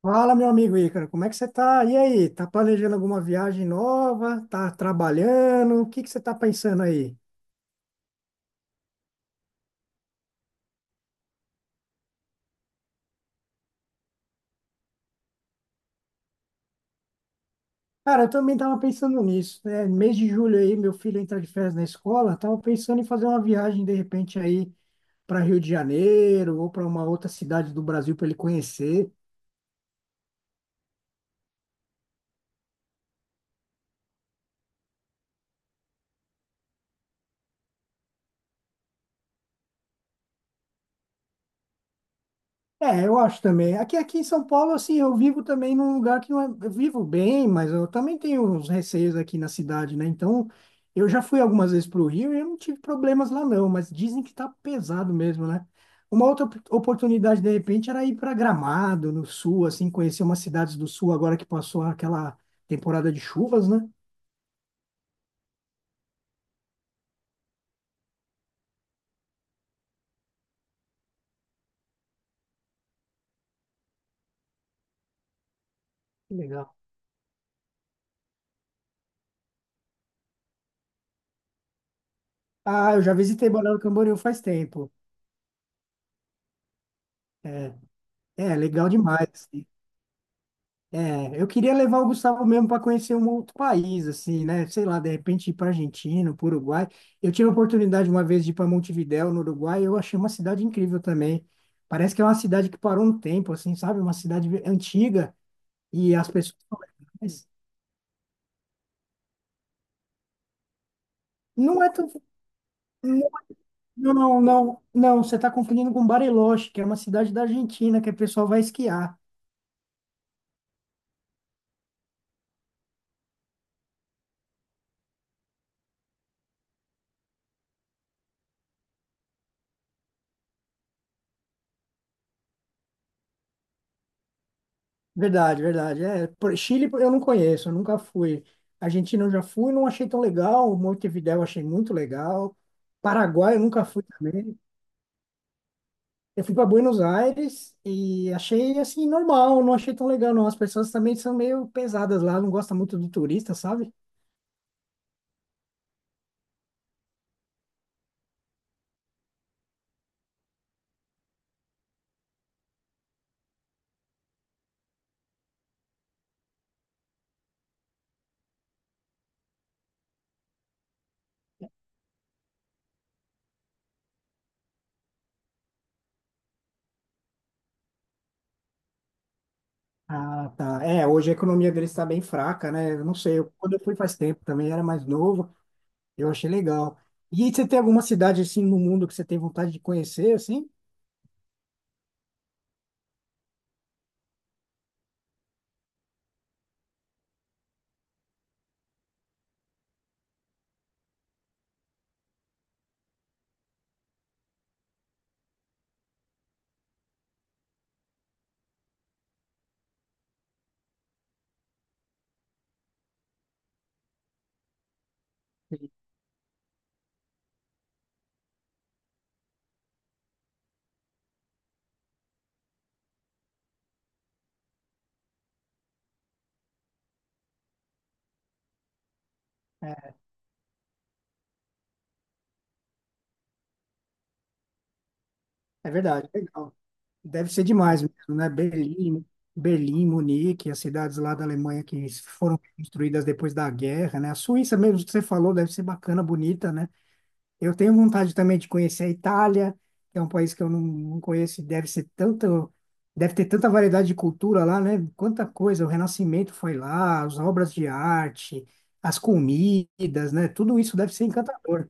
Fala, meu amigo Ícaro, como é que você tá? E aí, tá planejando alguma viagem nova? Tá trabalhando? O que você tá pensando aí? Cara, eu também tava pensando nisso, né? Mês de julho aí, meu filho entra de férias na escola, tava pensando em fazer uma viagem de repente aí para Rio de Janeiro ou para uma outra cidade do Brasil para ele conhecer. É, eu acho também. Aqui em São Paulo, assim, eu vivo também num lugar que não é... Eu vivo bem, mas eu também tenho uns receios aqui na cidade, né? Então, eu já fui algumas vezes para o Rio e eu não tive problemas lá, não. Mas dizem que tá pesado mesmo, né? Uma outra oportunidade, de repente, era ir para Gramado, no sul, assim, conhecer umas cidades do sul agora que passou aquela temporada de chuvas, né? Que legal. Ah, eu já visitei Balneário Camboriú faz tempo. É, legal demais. Assim. É, eu queria levar o Gustavo mesmo para conhecer um outro país, assim, né? Sei lá, de repente ir para Argentina, para Uruguai. Eu tive a oportunidade uma vez de ir para Montevidéu, no Uruguai, e eu achei uma cidade incrível também. Parece que é uma cidade que parou no tempo, assim, sabe? Uma cidade antiga e as pessoas são legais. Não é tão. Não, não, não, não. Você está confundindo com Bariloche, que é uma cidade da Argentina que o pessoal vai esquiar. Verdade, verdade. É, por- Chile eu não conheço, eu nunca fui. Argentina eu já fui, não achei tão legal. Montevidéu eu achei muito legal. Paraguai eu nunca fui também. Eu fui para Buenos Aires e achei assim normal, não achei tão legal não. As pessoas também são meio pesadas lá, não gostam muito do turista, sabe? Ah, tá. É, hoje a economia deles está bem fraca, né? Eu não sei, eu, quando eu fui faz tempo também era mais novo, eu achei legal. E você tem alguma cidade assim no mundo que você tem vontade de conhecer, assim? É, é verdade, legal. Deve ser demais mesmo, né? Berlim, Munique, as cidades lá da Alemanha que foram construídas depois da guerra, né? A Suíça mesmo que você falou deve ser bacana, bonita, né? Eu tenho vontade também de conhecer a Itália, que é um país que eu não conheço, e deve ser tanto, deve ter tanta variedade de cultura lá, né? Quanta coisa, o Renascimento foi lá, as obras de arte, as comidas, né? Tudo isso deve ser encantador.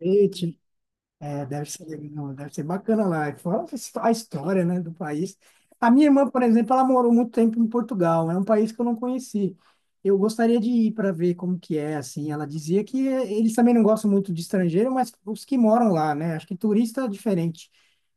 É. É, deve ser legal, deve ser bacana lá. E fora a história, né, do país. A minha irmã, por exemplo, ela morou muito tempo em Portugal. É um país que eu não conheci. Eu gostaria de ir para ver como que é, assim. Ela dizia que eles também não gostam muito de estrangeiro, mas os que moram lá, né? Acho que turista é diferente.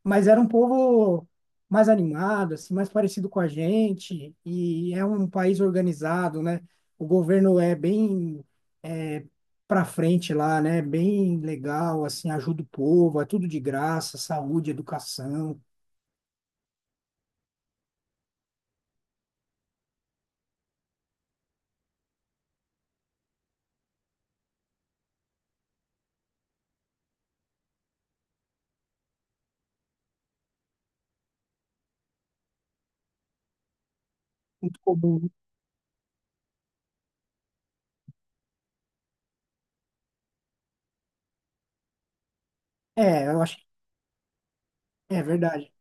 Mas era um povo mais animado, assim, mais parecido com a gente. E é um país organizado, né? O governo é bem é, para frente lá, né? Bem legal, assim, ajuda o povo, é tudo de graça, saúde, educação, muito comum. É, eu acho, que é verdade.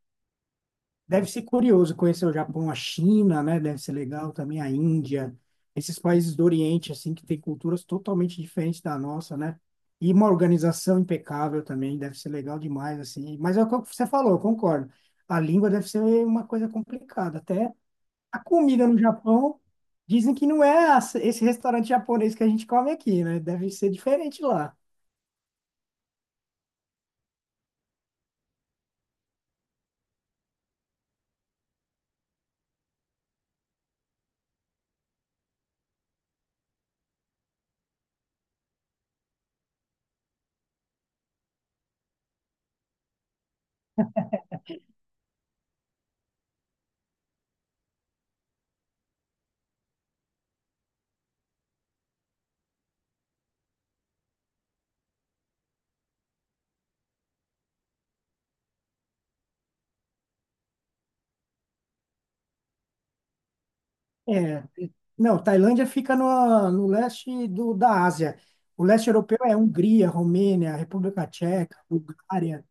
Deve ser curioso conhecer o Japão, a China, né? Deve ser legal também a Índia, esses países do Oriente, assim, que têm culturas totalmente diferentes da nossa, né? E uma organização impecável também, deve ser legal demais, assim. Mas é o que você falou, eu concordo. A língua deve ser uma coisa complicada, até a comida no Japão, dizem que não é esse restaurante japonês que a gente come aqui, né? Deve ser diferente lá. É, não, Tailândia fica no leste da Ásia. O leste europeu é Hungria, Romênia, República Tcheca, Bulgária,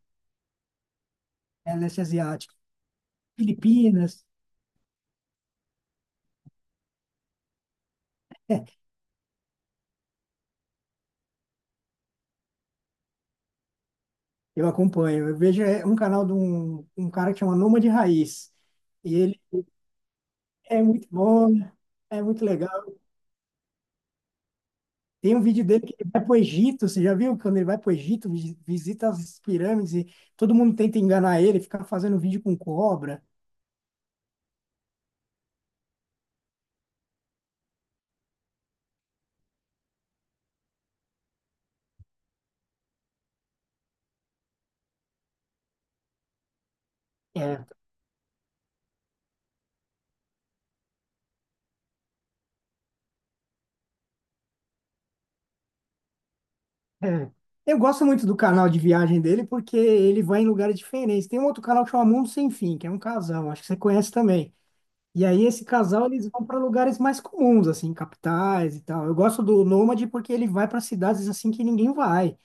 é leste asiático, Filipinas. É, eu acompanho. Eu vejo é, um canal de um cara que chama Nômade Raiz. E ele é muito bom, é muito legal. Tem um vídeo dele que ele vai pro Egito, você já viu? Quando ele vai pro Egito, visita as pirâmides e todo mundo tenta enganar ele, fica fazendo vídeo com cobra. É, é. Eu gosto muito do canal de viagem dele porque ele vai em lugares diferentes. Tem um outro canal que chama Mundo Sem Fim, que é um casal, acho que você conhece também. E aí esse casal eles vão para lugares mais comuns, assim, capitais e tal. Eu gosto do Nômade porque ele vai para cidades assim que ninguém vai.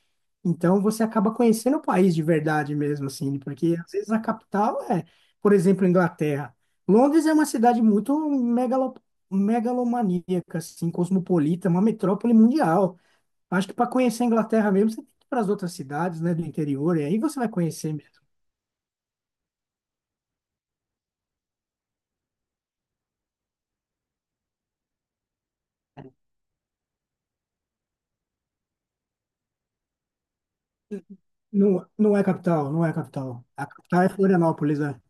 Então você acaba conhecendo o país de verdade mesmo, assim, porque às vezes a capital é, por exemplo, Inglaterra. Londres é uma cidade muito megalomaníaca, assim, cosmopolita, uma metrópole mundial. Acho que para conhecer a Inglaterra mesmo, você tem que ir para as outras cidades, né, do interior, e aí você vai conhecer mesmo. Não, não é capital. A capital é Florianópolis, né?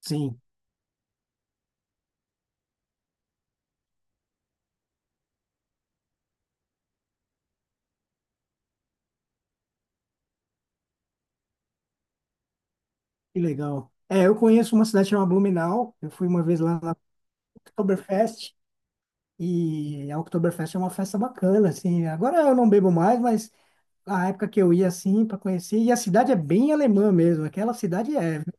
Sim, que legal. É, eu conheço uma cidade chamada Blumenau, eu fui uma vez lá na Oktoberfest. E a Oktoberfest é uma festa bacana, assim. Agora eu não bebo mais, mas a época que eu ia, assim, para conhecer. E a cidade é bem alemã mesmo, aquela cidade é. Viu?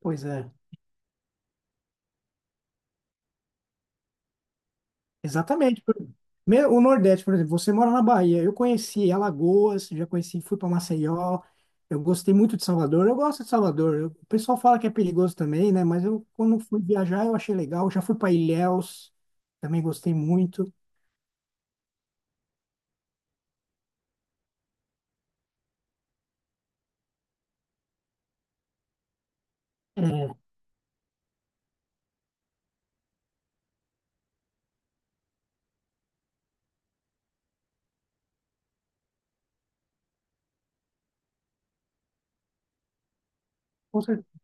Pois é, exatamente. Por- Me- O Nordeste, por exemplo, você mora na Bahia. Eu conheci Alagoas, já conheci, fui para Maceió. Eu gostei muito de Salvador. Eu gosto de Salvador. Eu- O pessoal fala que é perigoso também, né? Mas eu, quando fui viajar, eu achei legal. Já fui para Ilhéus, também gostei muito. É, com certeza,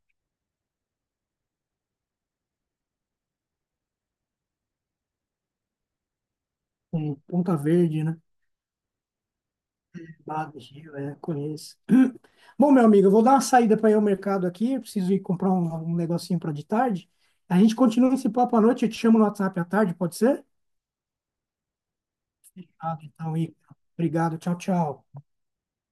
Ponta Verde, né? Barra do Gil, é, conheço. Bom, meu amigo, eu vou dar uma saída para ir ao mercado aqui. Eu preciso ir comprar um negocinho para de tarde. A gente continua esse papo à noite. Eu te chamo no WhatsApp à tarde, pode ser? Fechado, então, Igor. Obrigado. Tchau, tchau.